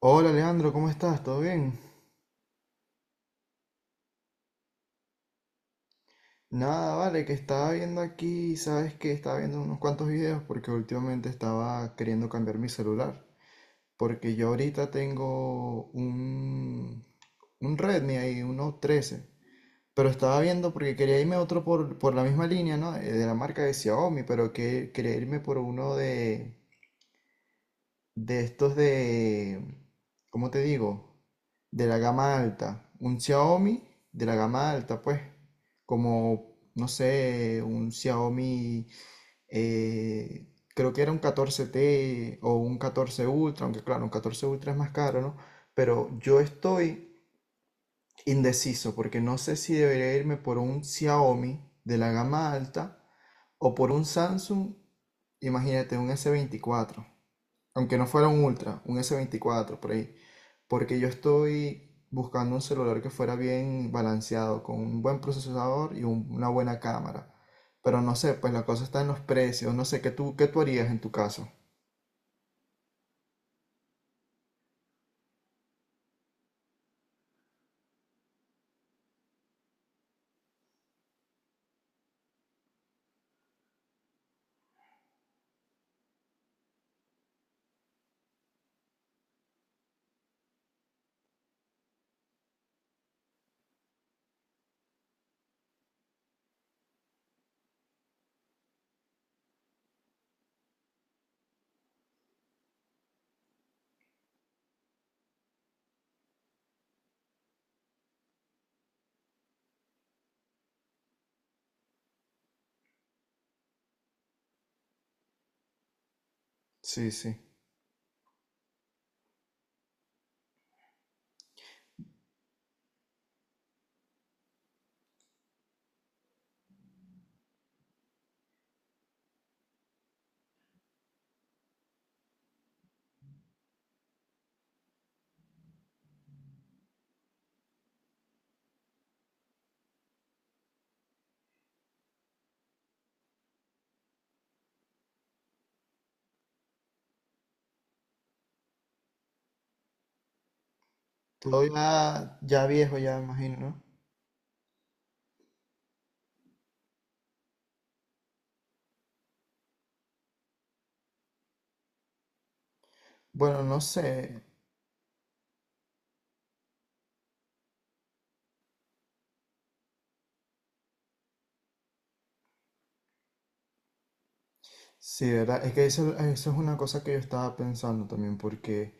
Hola Leandro, ¿cómo estás? ¿Todo bien? Nada, vale, que estaba viendo aquí, sabes que estaba viendo unos cuantos videos porque últimamente estaba queriendo cambiar mi celular. Porque yo ahorita tengo un Redmi ahí, 13. Pero estaba viendo porque quería irme a otro por la misma línea, ¿no? De la marca de Xiaomi, pero que quería irme por uno de estos. ¿Cómo te digo? De la gama alta, un Xiaomi de la gama alta, pues, como, no sé, un Xiaomi, creo que era un 14T o un 14 Ultra, aunque claro, un 14 Ultra es más caro, ¿no? Pero yo estoy indeciso porque no sé si debería irme por un Xiaomi de la gama alta o por un Samsung, imagínate, un S24, aunque no fuera un Ultra, un S24 por ahí, porque yo estoy buscando un celular que fuera bien balanceado, con un buen procesador y una buena cámara. Pero no sé, pues la cosa está en los precios, no sé, ¿qué tú harías en tu caso? Sí, sí. Todo ya, ya viejo, ya me imagino, ¿no? Bueno, no sé. Sí, ¿verdad? Es que eso es una cosa que yo estaba pensando también, porque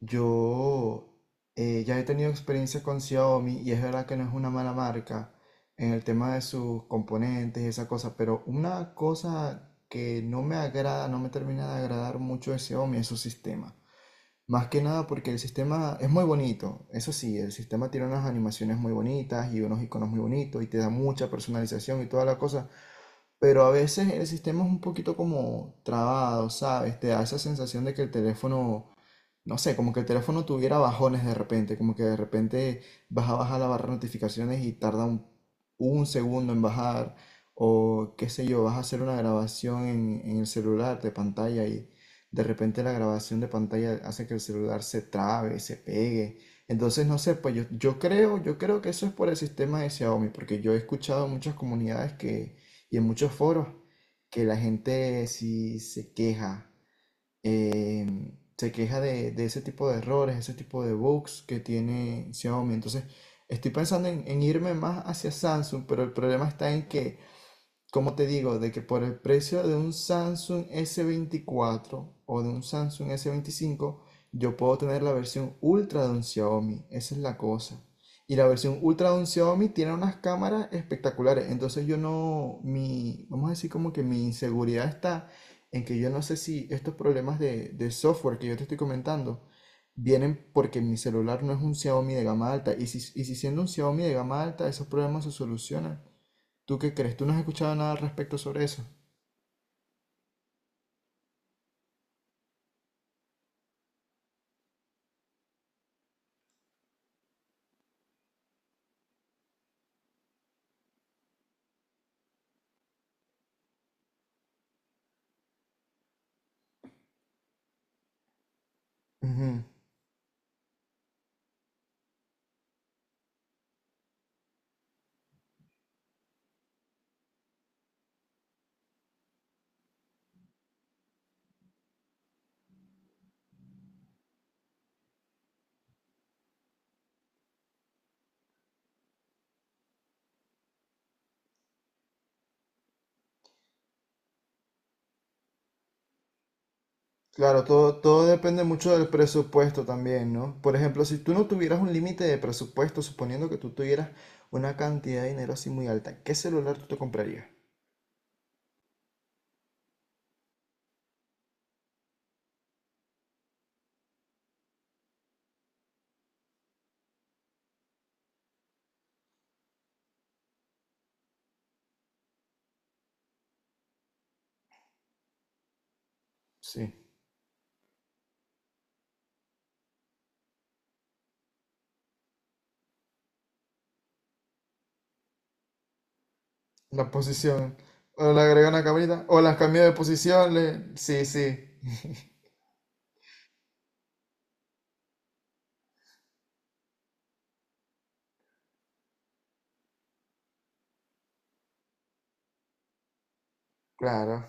yo, ya he tenido experiencia con Xiaomi, y es verdad que no es una mala marca en el tema de sus componentes y esa cosa, pero una cosa que no me agrada, no me termina de agradar mucho de Xiaomi es su sistema. Más que nada porque el sistema es muy bonito, eso sí, el sistema tiene unas animaciones muy bonitas y unos iconos muy bonitos y te da mucha personalización y toda la cosa, pero a veces el sistema es un poquito como trabado, ¿sabes? Te da esa sensación de que el teléfono, no sé, como que el teléfono tuviera bajones de repente, como que de repente vas a bajar la barra de notificaciones y tarda un segundo en bajar, o qué sé yo, vas a hacer una grabación en el celular de pantalla, y de repente la grabación de pantalla hace que el celular se trabe, se pegue. Entonces, no sé, pues yo creo que eso es por el sistema de Xiaomi, porque yo he escuchado muchas comunidades que, y en muchos foros, que la gente sí eh, se queja de ese tipo de errores, ese tipo de bugs que tiene Xiaomi. Entonces, estoy pensando en irme más hacia Samsung, pero el problema está en que, como te digo, de que por el precio de un Samsung S24 o de un Samsung S25 yo puedo tener la versión ultra de un Xiaomi. Esa es la cosa. Y la versión ultra de un Xiaomi tiene unas cámaras espectaculares. Entonces yo no, mi, vamos a decir como que mi inseguridad está en que yo no sé si estos problemas de software que yo te estoy comentando vienen porque mi celular no es un Xiaomi de gama alta. Y si siendo un Xiaomi de gama alta, esos problemas se solucionan. ¿Tú qué crees? ¿Tú no has escuchado nada al respecto sobre eso? Ujú. Claro, todo depende mucho del presupuesto también, ¿no? Por ejemplo, si tú no tuvieras un límite de presupuesto, suponiendo que tú tuvieras una cantidad de dinero así muy alta, ¿qué celular tú te comprarías? Sí. La posición. O le agrega una camarita. O las cambio de posición. Sí, sí. Claro.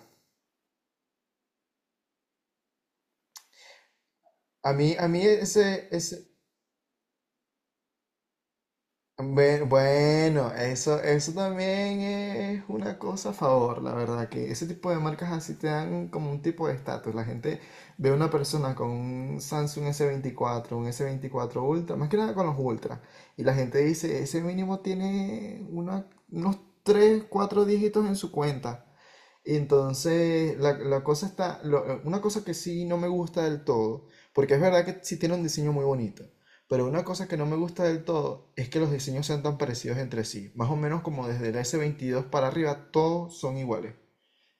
A mí. Bueno, bueno, eso también es una cosa a favor, la verdad, que ese tipo de marcas así te dan como un tipo de estatus. La gente ve a una persona con un Samsung S24, un S24 Ultra, más que nada con los Ultra, y la gente dice, ese mínimo tiene unos 3, 4 dígitos en su cuenta. Y entonces, la cosa está, una cosa que sí no me gusta del todo, porque es verdad que sí tiene un diseño muy bonito, pero una cosa que no me gusta del todo es que los diseños sean tan parecidos entre sí. Más o menos como desde el S22 para arriba, todos son iguales.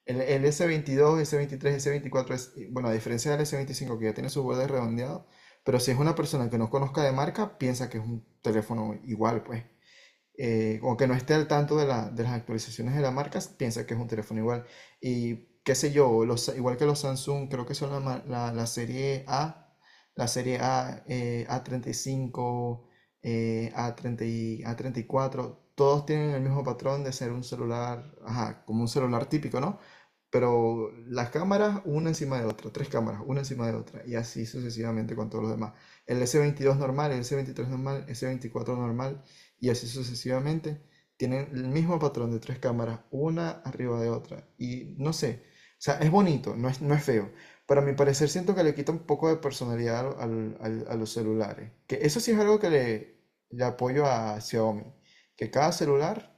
El S22, S23, S24, es, bueno, a diferencia del S25 que ya tiene sus bordes redondeados, pero si es una persona que no conozca de marca, piensa que es un teléfono igual, pues, o que no esté al tanto de las actualizaciones de la marca, piensa que es un teléfono igual. Y qué sé yo, los, igual que los Samsung, creo que son la serie A, A35, A30, A34, todos tienen el mismo patrón de ser un celular, ajá, como un celular típico, ¿no? Pero las cámaras, una encima de otra, tres cámaras, una encima de otra, y así sucesivamente con todos los demás. El S22 normal, el S23 normal, S24 normal, y así sucesivamente, tienen el mismo patrón de tres cámaras, una arriba de otra. Y no sé, o sea, es bonito, no es feo. Para mi parecer, siento que le quita un poco de personalidad a los celulares. Que eso sí es algo que le apoyo a Xiaomi, que cada celular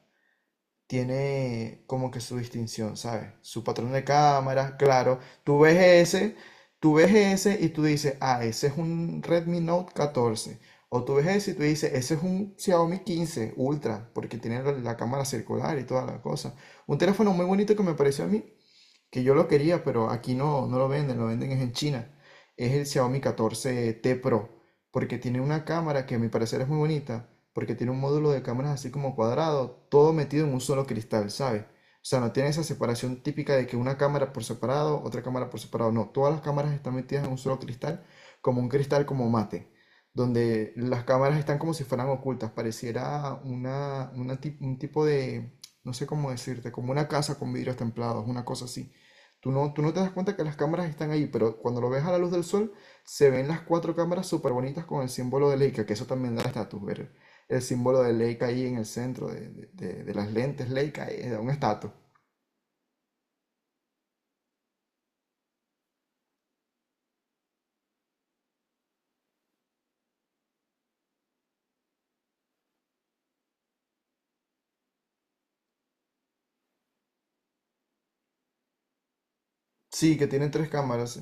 tiene como que su distinción, ¿sabes? Su patrón de cámaras, claro. Tú ves ese, tú ves ese y tú dices, ah, ese es un Redmi Note 14. O tú ves ese y tú dices, ese es un Xiaomi 15 Ultra, porque tiene la cámara circular y toda la cosa. Un teléfono muy bonito que me pareció a mí que yo lo quería, pero aquí no lo venden, lo venden es en China. Es el Xiaomi 14T Pro, porque tiene una cámara que a mi parecer es muy bonita, porque tiene un módulo de cámaras así como cuadrado, todo metido en un solo cristal, ¿sabes? O sea, no tiene esa separación típica de que una cámara por separado, otra cámara por separado, no, todas las cámaras están metidas en un solo cristal, como un cristal como mate, donde las cámaras están como si fueran ocultas, pareciera un tipo de, no sé cómo decirte, como una casa con vidrios templados, una cosa así. Tú no te das cuenta que las cámaras están ahí, pero cuando lo ves a la luz del sol, se ven las cuatro cámaras súper bonitas con el símbolo de Leica, que eso también da estatus, ver el símbolo de Leica ahí en el centro de las lentes Leica, da un estatus. Sí, que tienen tres cámaras.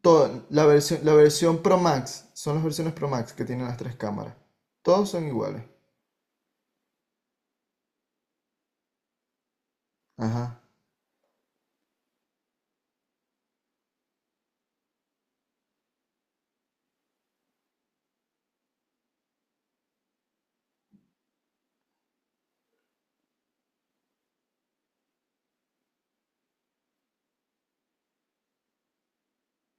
La versión Pro Max, son las versiones Pro Max que tienen las tres cámaras. Todos son iguales. Ajá.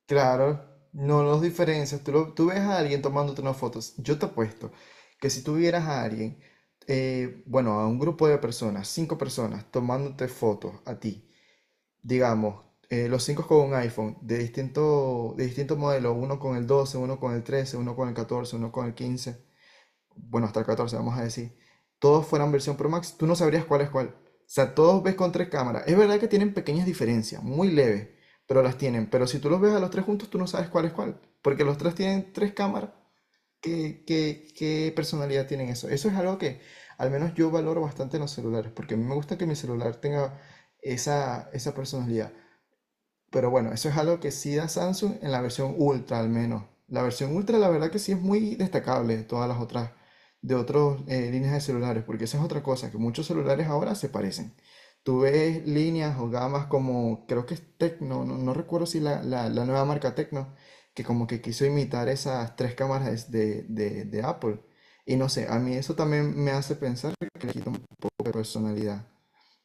Claro, no los diferencias. Tú ves a alguien tomándote unas fotos. Yo te apuesto que si tú vieras a alguien, bueno, a un grupo de personas, cinco personas, tomándote fotos a ti, digamos, los cinco con un iPhone de distinto, modelo, uno con el 12, uno con el 13, uno con el 14, uno con el 15, bueno, hasta el 14 vamos a decir, todos fueran versión Pro Max, tú no sabrías cuál es cuál. O sea, todos ves con tres cámaras. Es verdad que tienen pequeñas diferencias, muy leves, pero las tienen. Pero si tú los ves a los tres juntos, tú no sabes cuál es cuál, porque los tres tienen tres cámaras. ¿Qué personalidad tienen eso? Eso es algo que al menos yo valoro bastante en los celulares, porque a mí me gusta que mi celular tenga esa personalidad. Pero bueno, eso es algo que sí da Samsung en la versión Ultra al menos. La versión Ultra la verdad que sí es muy destacable de todas las otras, de otras líneas de celulares, porque esa es otra cosa, que muchos celulares ahora se parecen. Tú ves líneas o gamas como, creo que es Tecno, no recuerdo si la nueva marca Tecno, que como que quiso imitar esas tres cámaras de Apple. Y no sé, a mí eso también me hace pensar que le quita un poco de personalidad.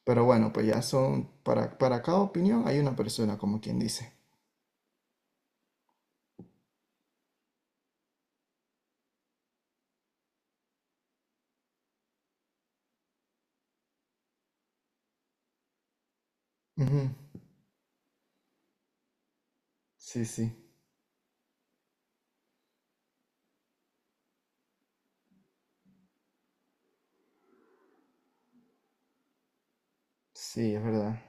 Pero bueno, pues ya son, para, cada opinión hay una persona, como quien dice. Ujú. Sí, sí, sí, es verdad.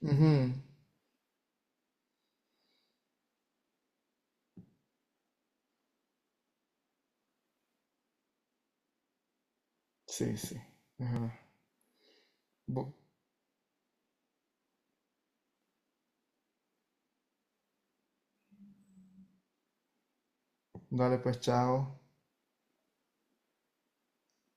Ujú. Sí, sí, es verdad. Bu- Dale pues, chao.